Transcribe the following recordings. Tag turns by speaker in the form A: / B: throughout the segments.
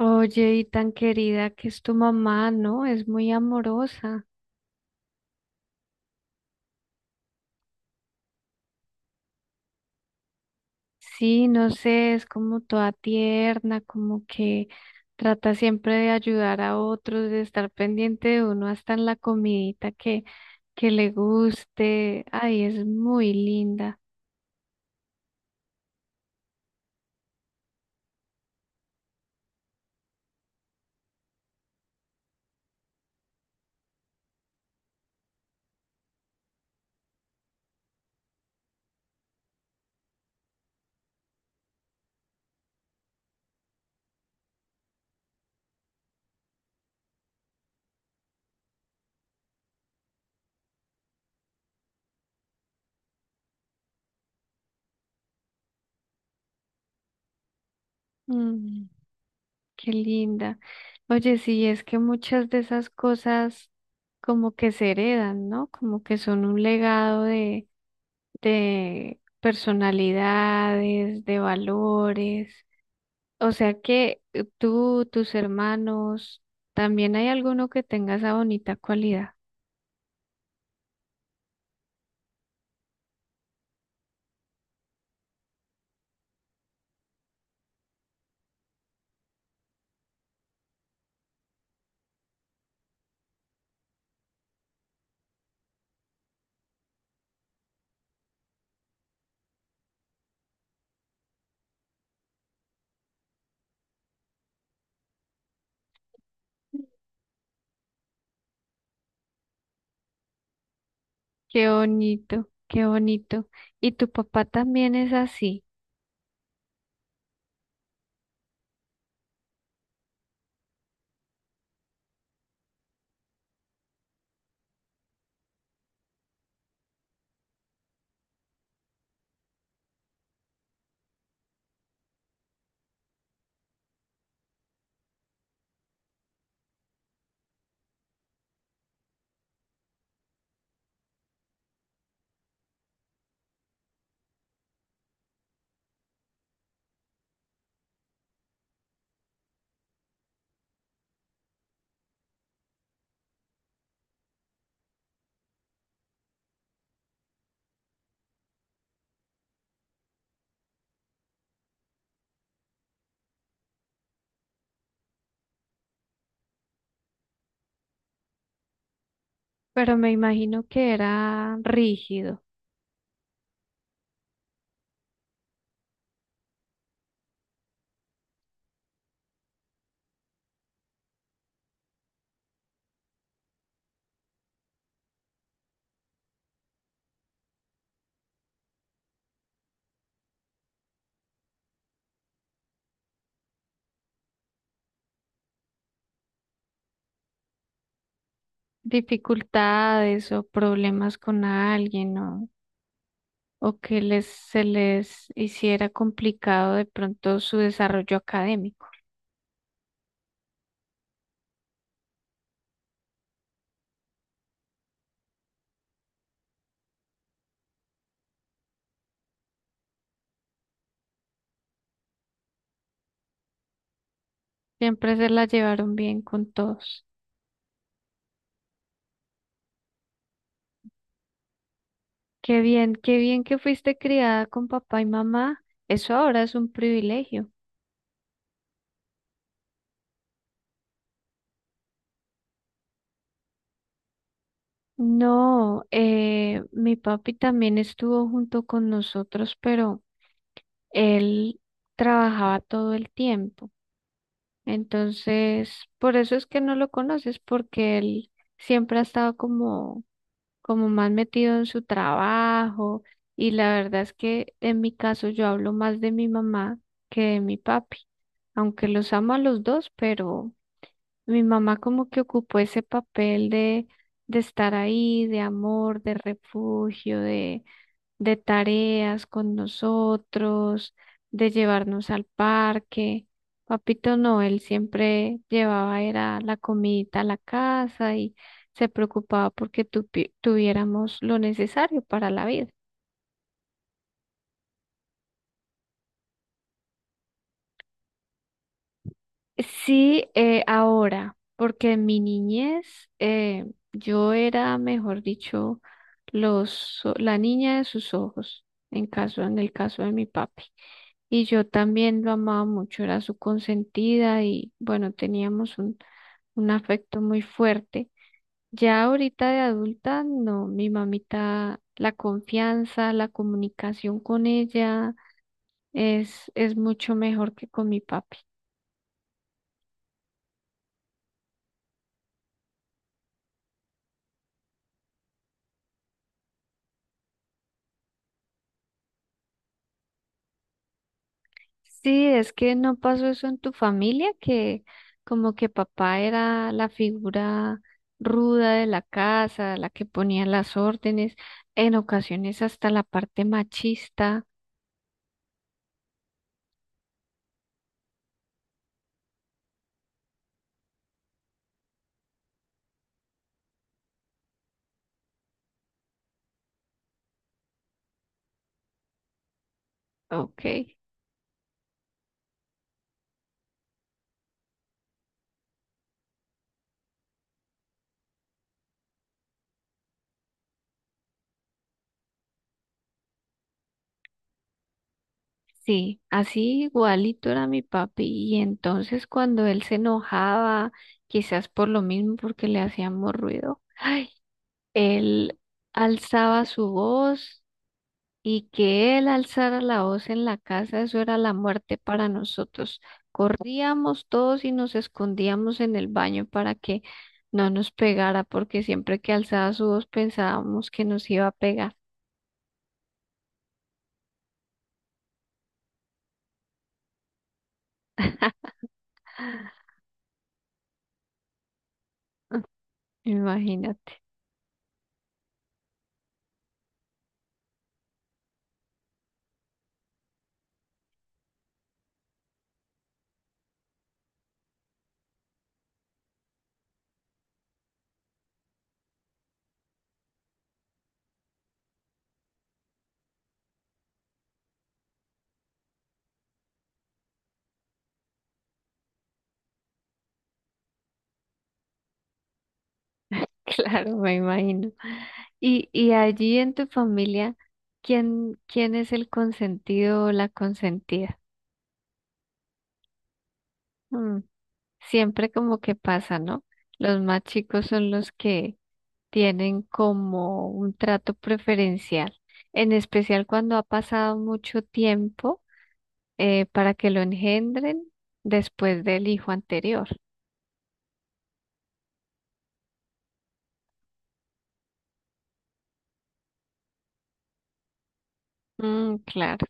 A: Oye, y tan querida que es tu mamá, ¿no? Es muy amorosa. Sí, no sé, es como toda tierna, como que trata siempre de ayudar a otros, de estar pendiente de uno hasta en la comidita que le guste. Ay, es muy linda. Mm, qué linda. Oye, sí, es que muchas de esas cosas como que se heredan, ¿no? Como que son un legado de personalidades, de valores. O sea que tú, tus hermanos, también hay alguno que tenga esa bonita cualidad. Qué bonito, qué bonito. Y tu papá también es así, pero me imagino que era rígido. Dificultades o problemas con alguien o que se les hiciera complicado de pronto su desarrollo académico. Siempre se la llevaron bien con todos. Qué bien que fuiste criada con papá y mamá. Eso ahora es un privilegio. No, mi papi también estuvo junto con nosotros, pero él trabajaba todo el tiempo. Entonces, por eso es que no lo conoces, porque él siempre ha estado como, como más metido en su trabajo. Y la verdad es que en mi caso yo hablo más de mi mamá que de mi papi, aunque los amo a los dos, pero... Mi mamá como que ocupó ese papel de estar ahí, de amor, de refugio, de tareas con nosotros, de llevarnos al parque. Papito no, él siempre llevaba era la comidita a la casa y se preocupaba porque tuviéramos lo necesario para la vida. Sí, ahora, porque en mi niñez yo era, mejor dicho, la niña de sus ojos, en el caso de mi papi. Y yo también lo amaba mucho, era su consentida y bueno, teníamos un afecto muy fuerte. Ya ahorita de adulta, no, mi mamita, la confianza, la comunicación con ella es mucho mejor que con mi papi. Sí, es que no pasó eso en tu familia, que como que papá era la figura ruda de la casa, la que ponía las órdenes, en ocasiones hasta la parte machista. Ok, sí, así igualito era mi papi. Y entonces cuando él se enojaba, quizás por lo mismo, porque le hacíamos ruido, ay, él alzaba su voz y que él alzara la voz en la casa, eso era la muerte para nosotros. Corríamos todos y nos escondíamos en el baño para que no nos pegara, porque siempre que alzaba su voz pensábamos que nos iba a pegar. Imagínate. Claro, me imagino. Y allí en tu familia, ¿quién es el consentido o la consentida? Mm, siempre como que pasa, ¿no? Los más chicos son los que tienen como un trato preferencial, en especial cuando ha pasado mucho tiempo para que lo engendren después del hijo anterior. Mm, claro.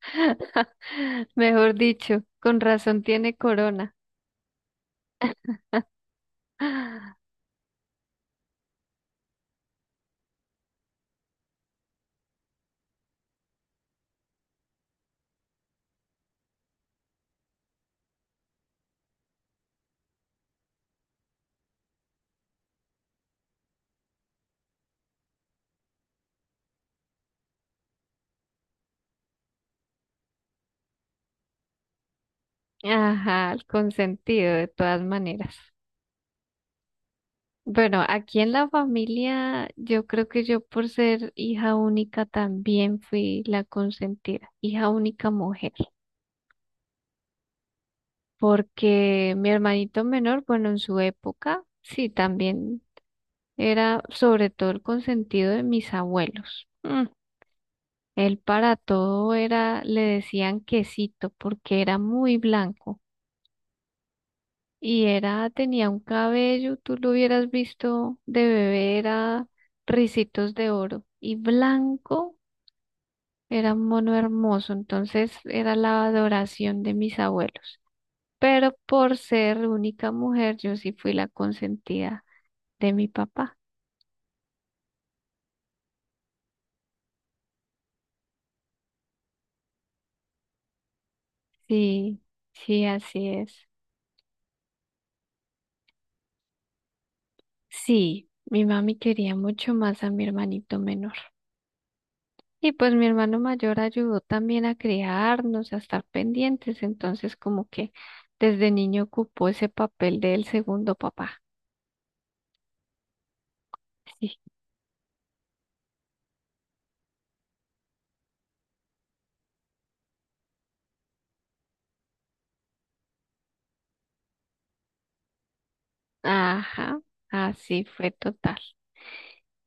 A: Mejor dicho, con razón tiene corona. Ajá, el consentido de todas maneras. Bueno, aquí en la familia, yo creo que yo por ser hija única también fui la consentida, hija única mujer. Porque mi hermanito menor, bueno, en su época, sí, también era sobre todo el consentido de mis abuelos. Mm, él para todo era, le decían quesito, porque era muy blanco y era, tenía un cabello, tú lo hubieras visto de bebé, era ricitos de oro y blanco. Era un mono hermoso, entonces era la adoración de mis abuelos. Pero por ser única mujer, yo sí fui la consentida de mi papá. Sí, sí, así es. Sí, mi mami quería mucho más a mi hermanito menor. Y pues mi hermano mayor ayudó también a criarnos, a estar pendientes, entonces como que desde niño ocupó ese papel del segundo papá. Sí. Ajá, así fue total.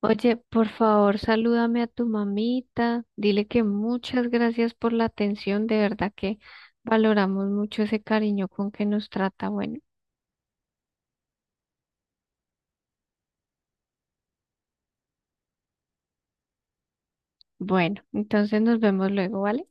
A: Oye, por favor, salúdame a tu mamita, dile que muchas gracias por la atención, de verdad que valoramos mucho ese cariño con que nos trata. Bueno. Bueno, entonces nos vemos luego, ¿vale?